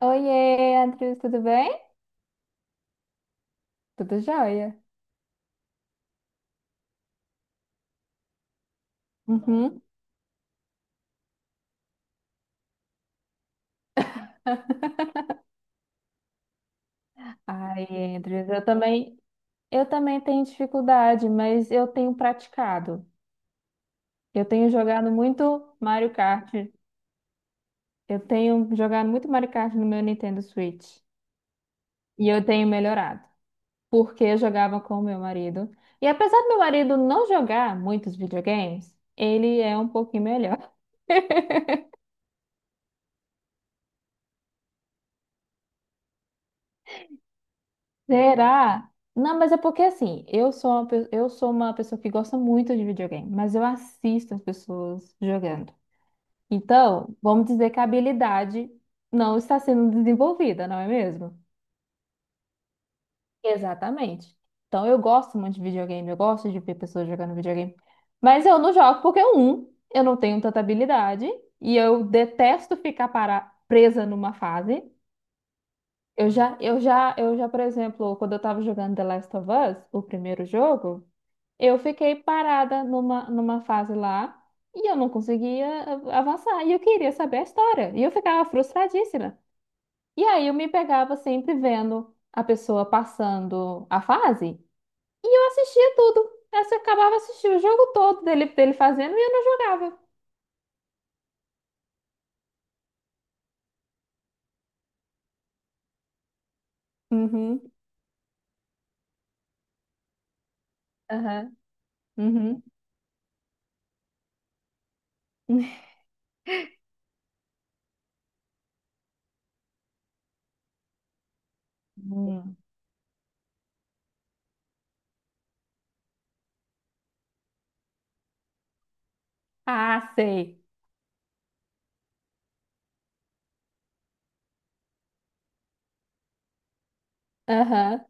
Oiê, Andrews, tudo bem? Tudo jóia. Uhum. Ai, Andrews, eu também tenho dificuldade, mas eu tenho praticado. Eu tenho jogado muito Mario Kart. Eu tenho jogado muito Mario Kart no meu Nintendo Switch. E eu tenho melhorado, porque eu jogava com o meu marido. E apesar do meu marido não jogar muitos videogames, ele é um pouquinho melhor. Será? Não, mas é porque assim, eu sou uma pessoa que gosta muito de videogame, mas eu assisto as pessoas jogando. Então, vamos dizer que a habilidade não está sendo desenvolvida, não é mesmo? Exatamente. Então, eu gosto muito de videogame, eu gosto de ver pessoas jogando videogame, mas eu não jogo porque, um, eu não tenho tanta habilidade e eu detesto presa numa fase. Eu já, por exemplo, quando eu tava jogando The Last of Us, o primeiro jogo, eu fiquei parada numa fase lá e eu não conseguia avançar. E eu queria saber a história. E eu ficava frustradíssima. E aí eu me pegava sempre vendo a pessoa passando a fase e eu assistia tudo. Aí você acabava assistindo o jogo todo dele, dele fazendo e eu não jogava. Uhum, aham, uhum. Hum. Ah, sei. Aham.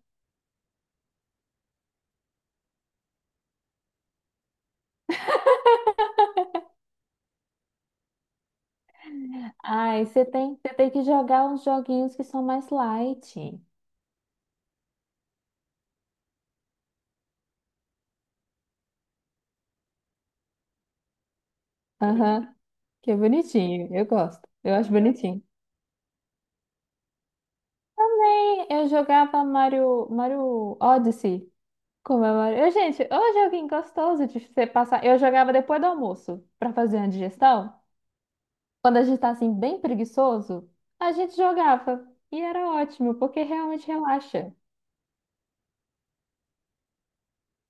Ai, você tem que jogar uns joguinhos que são mais light. Aham. Que é bonitinho, eu gosto. Eu acho bonitinho. Também eu jogava Mario Odyssey. Como é Mario? Eu, gente, ô joguinho gostoso de você passar. Eu jogava depois do almoço, pra fazer a digestão. Quando a gente tá assim, bem preguiçoso, a gente jogava. E era ótimo, porque realmente relaxa.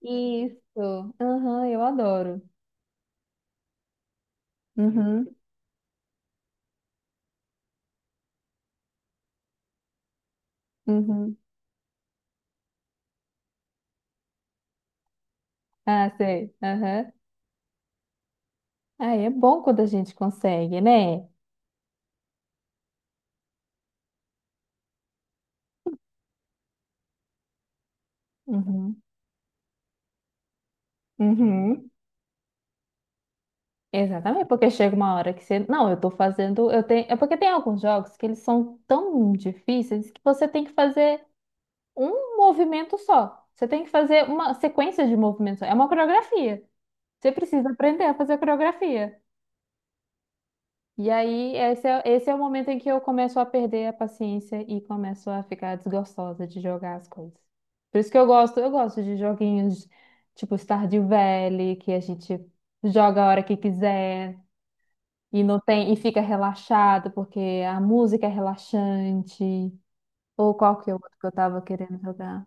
Isso. Aham, eu adoro. Uhum, uhum. Ah, sei. Aham. Ah, é bom quando a gente consegue, né? Uhum, uhum. Exatamente, porque chega uma hora que você. Não, eu tô fazendo. Eu tenho... É porque tem alguns jogos que eles são tão difíceis que você tem que fazer um movimento só. Você tem que fazer uma sequência de movimentos. É uma coreografia. Você precisa aprender a fazer coreografia. E aí, esse é o momento em que eu começo a perder a paciência e começo a ficar desgostosa de jogar as coisas. Por isso que eu gosto de joguinhos tipo Stardew Valley, que a gente joga a hora que quiser. E não tem, e fica relaxado porque a música é relaxante. Ou qual que é o outro que eu tava querendo jogar?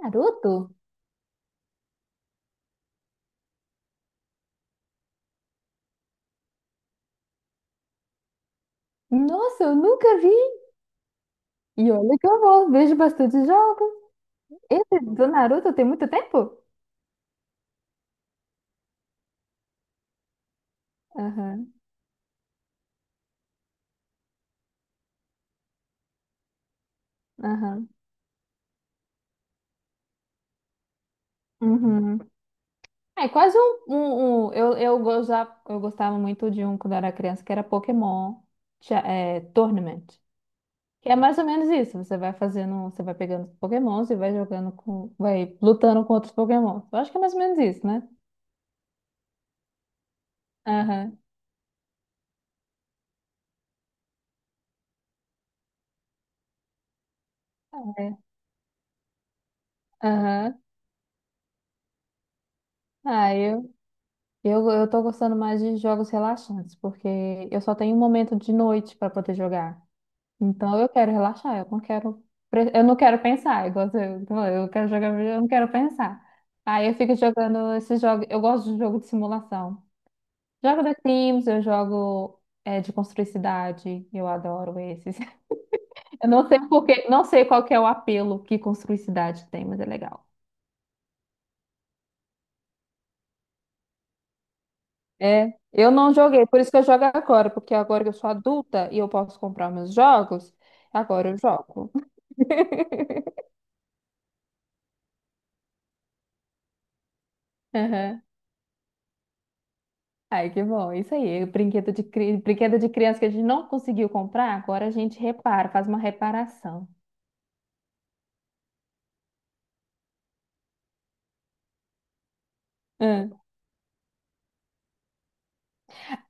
Naruto? Nossa, eu nunca vi. E olha que eu vou, vejo bastante jogos. Esse do Naruto tem muito tempo? Aham, aham. Uhum. É quase eu gostava muito de um quando eu era criança que era Pokémon Tournament. Que é mais ou menos isso. Você vai fazendo, você vai pegando os Pokémons e vai jogando com, vai lutando com outros Pokémons. Eu acho que é mais ou menos isso, né? Aham. É. Aham. Ah, eu tô gostando mais de jogos relaxantes, porque eu só tenho um momento de noite para poder jogar. Então eu quero relaxar, eu não quero pensar, igual você, eu quero jogar, eu não quero pensar. Aí eu fico jogando esses jogos, eu gosto de jogo de simulação. Jogo The Sims, eu jogo de construir cidade, eu adoro esses. Eu não sei porque, não sei qual que é o apelo que construir cidade tem, mas é legal. É, eu não joguei, por isso que eu jogo agora, porque agora que eu sou adulta e eu posso comprar meus jogos, agora eu jogo. Aham. Ai, que bom, isso aí, brinquedo de criança que a gente não conseguiu comprar, agora a gente repara, faz uma reparação. Hum.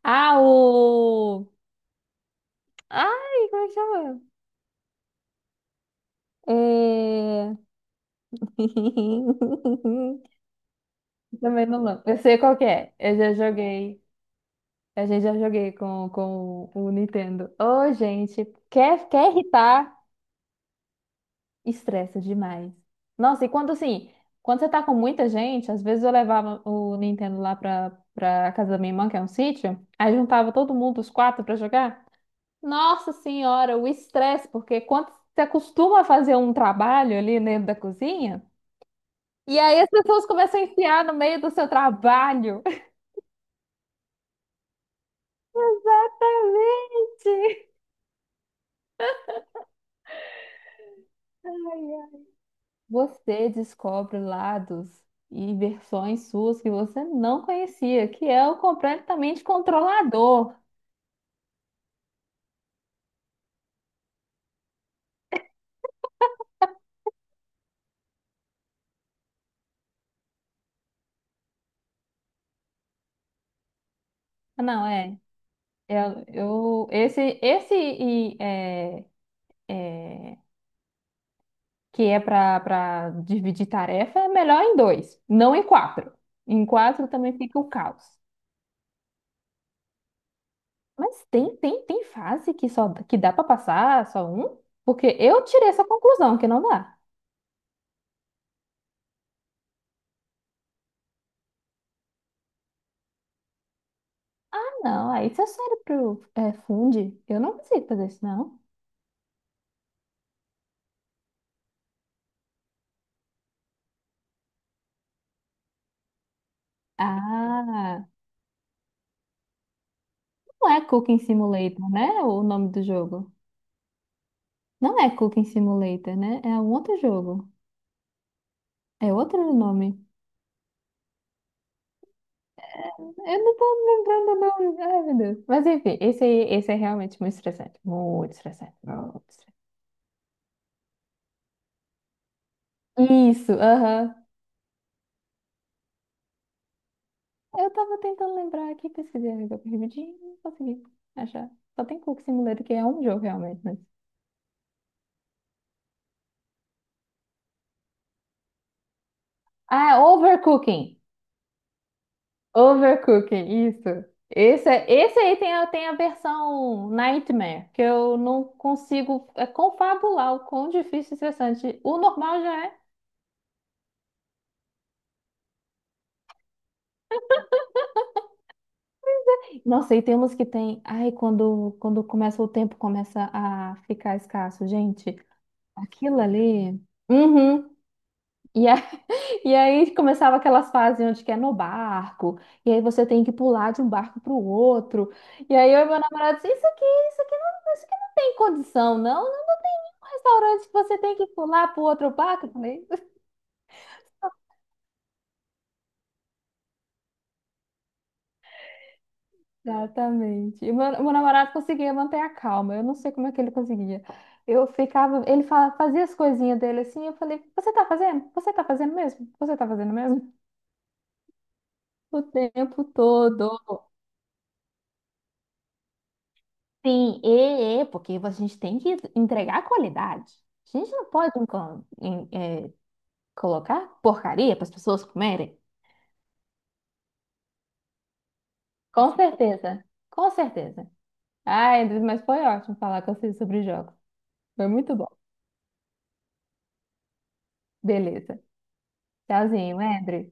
Ah, o... Ai, como é que chama? É, também não lembro. Eu sei qual que é. Eu já joguei. A gente já joguei com o Nintendo. Ô, gente, quer irritar? Estressa demais. Nossa, e quando assim, quando você tá com muita gente, às vezes eu levava o Nintendo lá pra casa da minha irmã, que é um sítio, aí juntava todo mundo, os quatro, pra jogar. Nossa senhora, o estresse, porque quando você acostuma a fazer um trabalho ali dentro da cozinha, e aí as pessoas começam a enfiar no meio do seu trabalho. Gente, ai, ai. Você descobre lados e versões suas que você não conhecia, que é o completamente controlador. Ah, não, é. Eu, eu- esse esse e, é, é, que é para dividir tarefa é melhor em dois, não em quatro. Em quatro também fica o caos. Mas tem fase que só que dá para passar só um? Porque eu tirei essa conclusão que não dá. Não, aí se seu cérebro é, funde. Eu não consigo fazer isso, não. Ah, não é Cooking Simulator, né? O nome do jogo. Não é Cooking Simulator, né? É um outro jogo. É outro nome. Eu não tô me lembrando o nome. Ai, meu Deus. Mas enfim, esse aí, esse é realmente muito estressante. Muito estressante. Muito estressante. Isso, aham. Eu tava tentando lembrar aqui, pesquisei rapidinho, não consegui achar. Só tem Cooking Simulator, que é um jogo realmente, né? Ah, é Overcooking. Overcooking, isso. Esse, tem a versão Nightmare, que eu não consigo confabular o quão difícil e estressante. O normal já é. Nossa, e temos que tem. Ai, quando começa o tempo, começa a ficar escasso. Gente, aquilo ali. Uhum. E, a- e aí começava aquelas fases onde que é no barco, e aí você tem que pular de um barco para o outro. E aí eu e meu namorado disse, isso aqui, isso aqui não tem condição, não. Um restaurante que você tem que pular pro outro barco, eu falei. Exatamente. E meu namorado conseguia manter a calma. Eu não sei como é que ele conseguia. Eu ficava, ele fazia as coisinhas dele assim, eu falei, você tá fazendo? Você tá fazendo mesmo? O tempo todo. Sim, porque a gente tem que entregar qualidade. A gente não pode colocar porcaria para as pessoas comerem. Com certeza, com certeza. Ai, mas foi ótimo falar com vocês sobre jogos. Foi muito bom. Beleza. Tchauzinho, André.